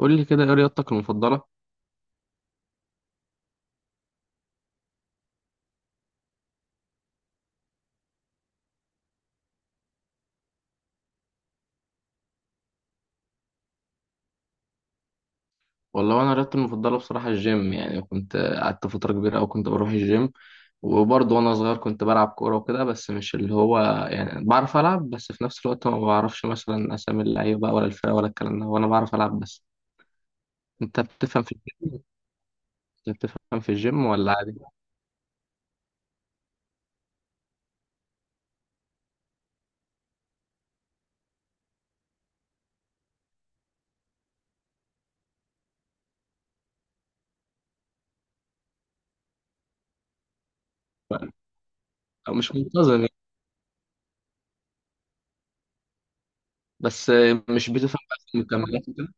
قول لي كده، ايه رياضتك المفضلة؟ والله انا رياضتي المفضلة بصراحة الجيم. يعني كنت قعدت فترة كبيرة، او كنت بروح الجيم. وبرضه وانا صغير كنت بلعب كورة وكده، بس مش اللي هو يعني بعرف العب. بس في نفس الوقت ما بعرفش مثلا اسامي اللعيبة بقى، ولا الفرقة، ولا الكلام ده. وانا بعرف العب بس. انت بتفهم في الجيم انت بتفهم في الجيم ولا عادي؟ أو مش منتظم يعني. بس مش بتفهم بقى في المكملات وكده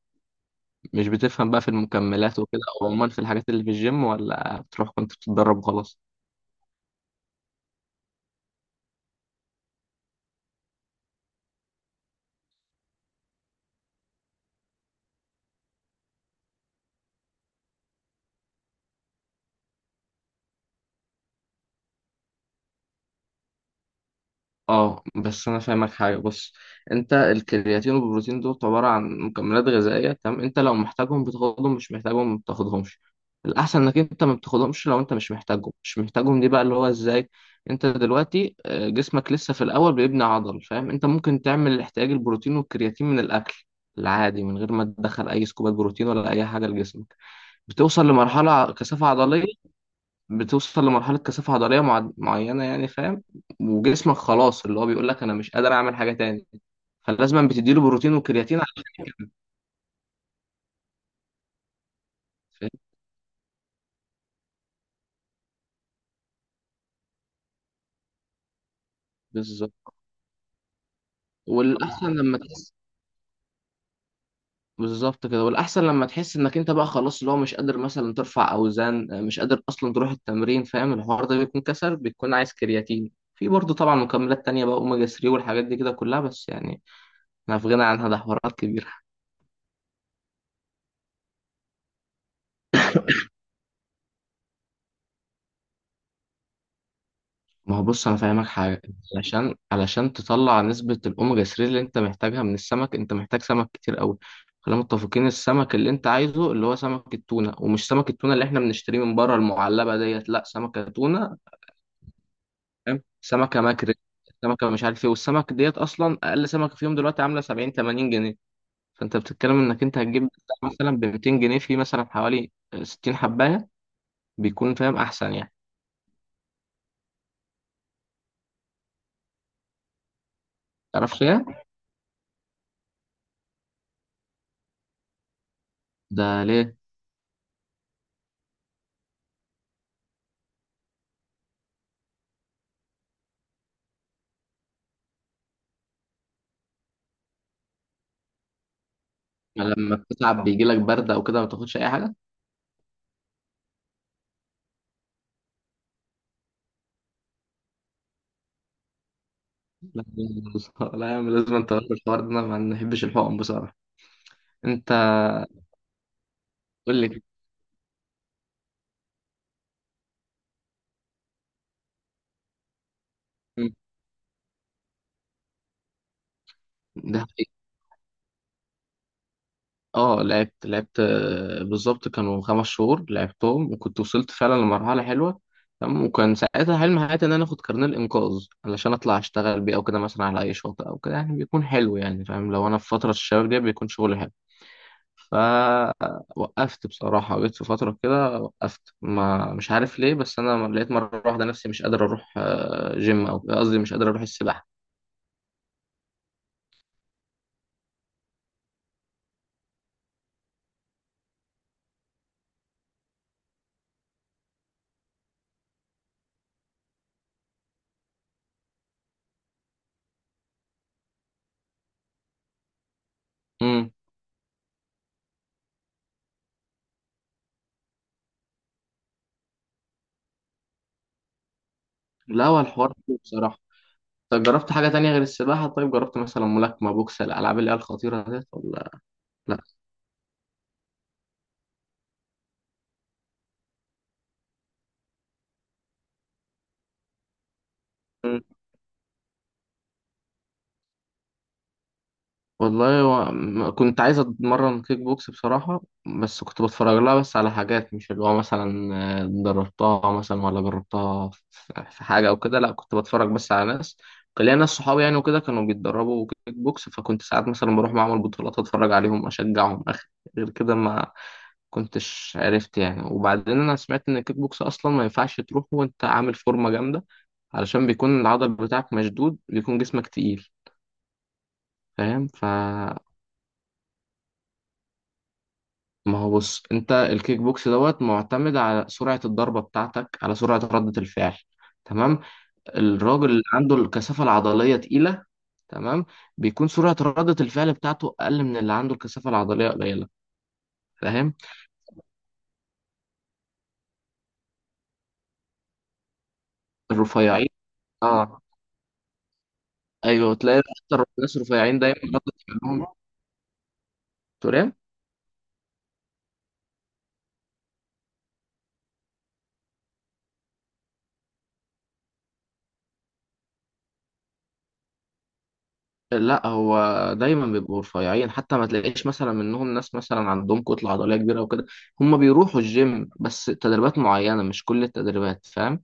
مش بتفهم بقى في المكملات وكده، او عموما في الحاجات اللي في الجيم، ولا بتروح كنت بتتدرب وخلاص؟ اه بس انا فاهمك حاجه. بص، انت الكرياتين والبروتين دول عباره عن مكملات غذائيه. تمام، انت لو محتاجهم بتاخدهم، مش محتاجهم ما بتاخدهمش. الاحسن انك انت ما بتاخدهمش. لو انت مش محتاجهم مش محتاجهم، دي بقى اللي هو ازاي. انت دلوقتي جسمك لسه في الاول بيبني عضل. فاهم؟ انت ممكن تعمل احتياج البروتين والكرياتين من الاكل العادي، من غير ما تدخل اي سكوبات بروتين ولا اي حاجه لجسمك. بتوصل لمرحله كثافه عضليه بتوصل لمرحلة كثافة عضلية معينة يعني. فاهم؟ وجسمك خلاص اللي هو بيقول لك أنا مش قادر أعمل حاجة تاني، فلازم بتديله بروتين وكرياتين عشان فاهم. بالظبط والأحسن لما تحس بالظبط كده. والأحسن لما تحس إنك أنت بقى خلاص اللي هو مش قادر مثلا ترفع أوزان، مش قادر أصلا تروح التمرين. فاهم الحوار ده؟ بيكون كسر، بتكون عايز كرياتين. في برضه طبعا مكملات تانية بقى، أوميجا 3 والحاجات دي كده كلها. بس يعني أنا في غنى عنها، ده حوارات كبيرة. ما هو بص، انا فاهمك حاجه. علشان تطلع نسبه الاوميجا 3 اللي انت محتاجها من السمك، انت محتاج سمك كتير قوي. خلينا متفقين، السمك اللي انت عايزه اللي هو سمك التونه. ومش سمك التونه اللي احنا بنشتريه من بره المعلبه ديت، لا، سمكه تونه. فاهم؟ سمكه ماكريل، سمكه مش عارف ايه. والسمك ديت اصلا اقل سمكه فيهم دلوقتي عامله 70 80 جنيه. فانت بتتكلم انك انت هتجيب بتاع مثلا ب 200 جنيه في مثلا حوالي 60 حبايه. بيكون فاهم احسن يعني. تعرفش ايه؟ ده ليه؟ لما بتتعب بيجي لك برد او كده ما تاخدش اي حاجه. لا. لا يا عم، لازم انت تغير الحوار ده، انا ما بحبش الحقن بصراحه. انت قول لي. ده حقيقي. اه، لعبت. بالظبط كانوا 5 شهور لعبتهم، وكنت وصلت فعلا لمرحله حلوه. تمام، وكان ساعتها حلم حياتي ان انا اخد كارنيه الانقاذ علشان اطلع اشتغل بيه او كده مثلا على اي شاطئ او كده. يعني بيكون حلو يعني. فاهم؟ لو انا في فتره الشباب دي بيكون شغل. فوقفت بصراحة، جيت في فترة كده وقفت، ما مش عارف ليه. بس أنا لقيت مرة واحدة نفسي مش قادر أروح جيم. أو قصدي مش قادر أروح السباحة. امم. لا هو الحوار حلو بصراحة. طب جربت حاجة تانية غير السباحة؟ طيب جربت مثلا ملاكمة بوكس، الألعاب اللي هي الخطيرة ديت ولا؟ لا، والله كنت عايز اتمرن كيك بوكس بصراحة. بس كنت بتفرج لها بس على حاجات، مش اللي هو مثلا دربتها مثلا ولا جربتها في حاجة او كده. لا كنت بتفرج بس على ناس. كان ليا ناس صحابي يعني وكده، كانوا بيتدربوا كيك بوكس. فكنت ساعات مثلا بروح معمل بطولات اتفرج عليهم اشجعهم اخ. غير كده ما كنتش عرفت يعني. وبعدين انا سمعت ان الكيك بوكس اصلا ما ينفعش تروح وانت عامل فورمة جامدة، علشان بيكون العضل بتاعك مشدود، بيكون جسمك تقيل. فاهم ف ما هو بص، انت الكيك بوكس دوت معتمد على سرعة الضربة بتاعتك، على سرعة ردة الفعل. تمام. الراجل اللي عنده الكثافة العضلية تقيلة، تمام، بيكون سرعة ردة الفعل بتاعته أقل من اللي عنده الكثافة العضلية قليلة. فاهم؟ الرفيعين، اه. ايوه، تلاقي اكتر الناس رفيعين دايما ردة فعلهم. تقول إيه؟ لا هو دايما بيبقوا رفيعين. حتى ما تلاقيش مثلا منهم ناس مثلا عندهم كتلة عضلية كبيرة وكده. هم بيروحوا الجيم بس تدريبات معينة، مش كل التدريبات. فاهم؟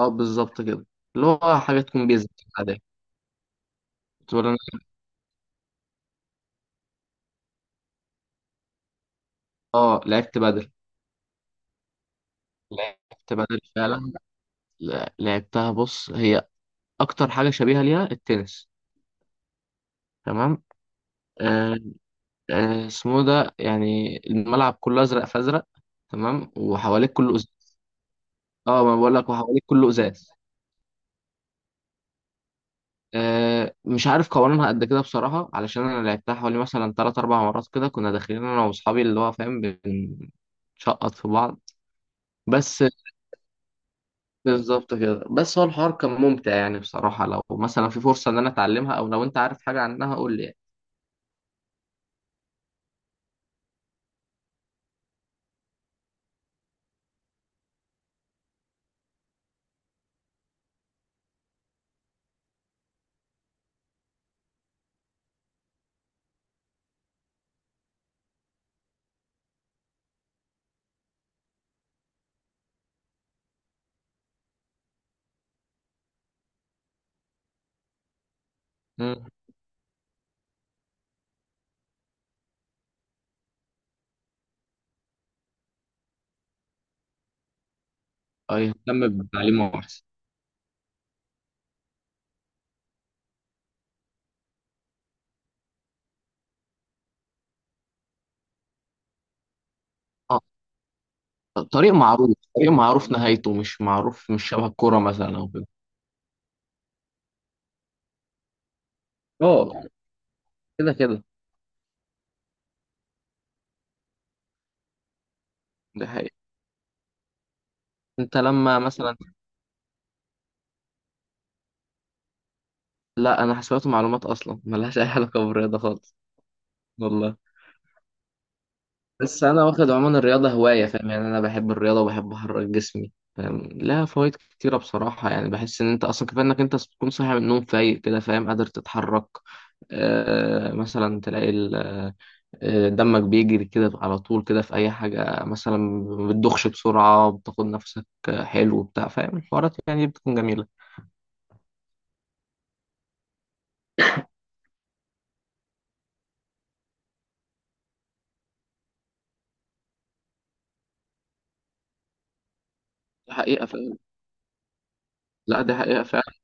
اه بالظبط كده، اللي هو حاجات تكون بيزك عادية. كنت بقول انا، اه لعبت بدل. فعلا، لعبتها. بص هي اكتر حاجة شبيهة ليها التنس. تمام. آه آه اسمه ده يعني. الملعب كله ازرق فازرق، تمام، وحواليك كله ازاز. اه ما بقول لك، وحواليك كله ازاز. آه، مش عارف قوانينها قد كده بصراحة، علشان انا لعبتها حوالي مثلا تلات اربع مرات كده. كنا داخلين انا واصحابي اللي هو فاهم، بنشقط في بعض. بس بالظبط كده. بس هو الحوار كان ممتع يعني بصراحة. لو مثلا في فرصة ان انا اتعلمها او لو انت عارف حاجة عنها قول لي يعني. مم. أو يهتم بتعليمه احسن. اه، طريق معروف. طريق معروف نهايته مش معروف، مش شبه الكورة مثلا او كده. اه كده كده. دي حقيقة. انت لما مثلا. لا انا حسابات ومعلومات، اصلا ملهاش اي علاقة بالرياضة خالص. والله. بس انا واخد عموما الرياضه هوايه. فاهم يعني، انا بحب الرياضه وبحب احرك جسمي. فاهم؟ لها فوائد كتيره بصراحه يعني. بحس ان انت اصلا كفايه انك انت تكون صاحي من النوم فايق كده. فاهم؟ قادر تتحرك، آه مثلا تلاقي ال- آه، دمك بيجري كده على طول كده في اي حاجه. مثلا ما بتدخش بسرعه، بتاخد نفسك حلو وبتاع. فاهم؟ الحوارات يعني بتكون جميله. دي حقيقه فعلا. لا دي حقيقه فعلا.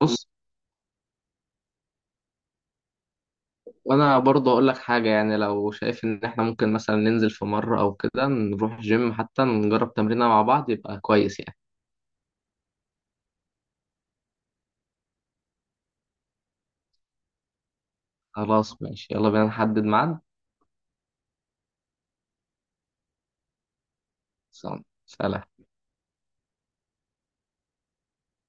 بص، وانا برضه اقول لك حاجه. يعني لو شايف ان احنا ممكن مثلا ننزل في مره او كده نروح الجيم، حتى نجرب تمرينه مع بعض يبقى كويس يعني. خلاص ماشي، يلا بينا نحدد ميعاد. سلام.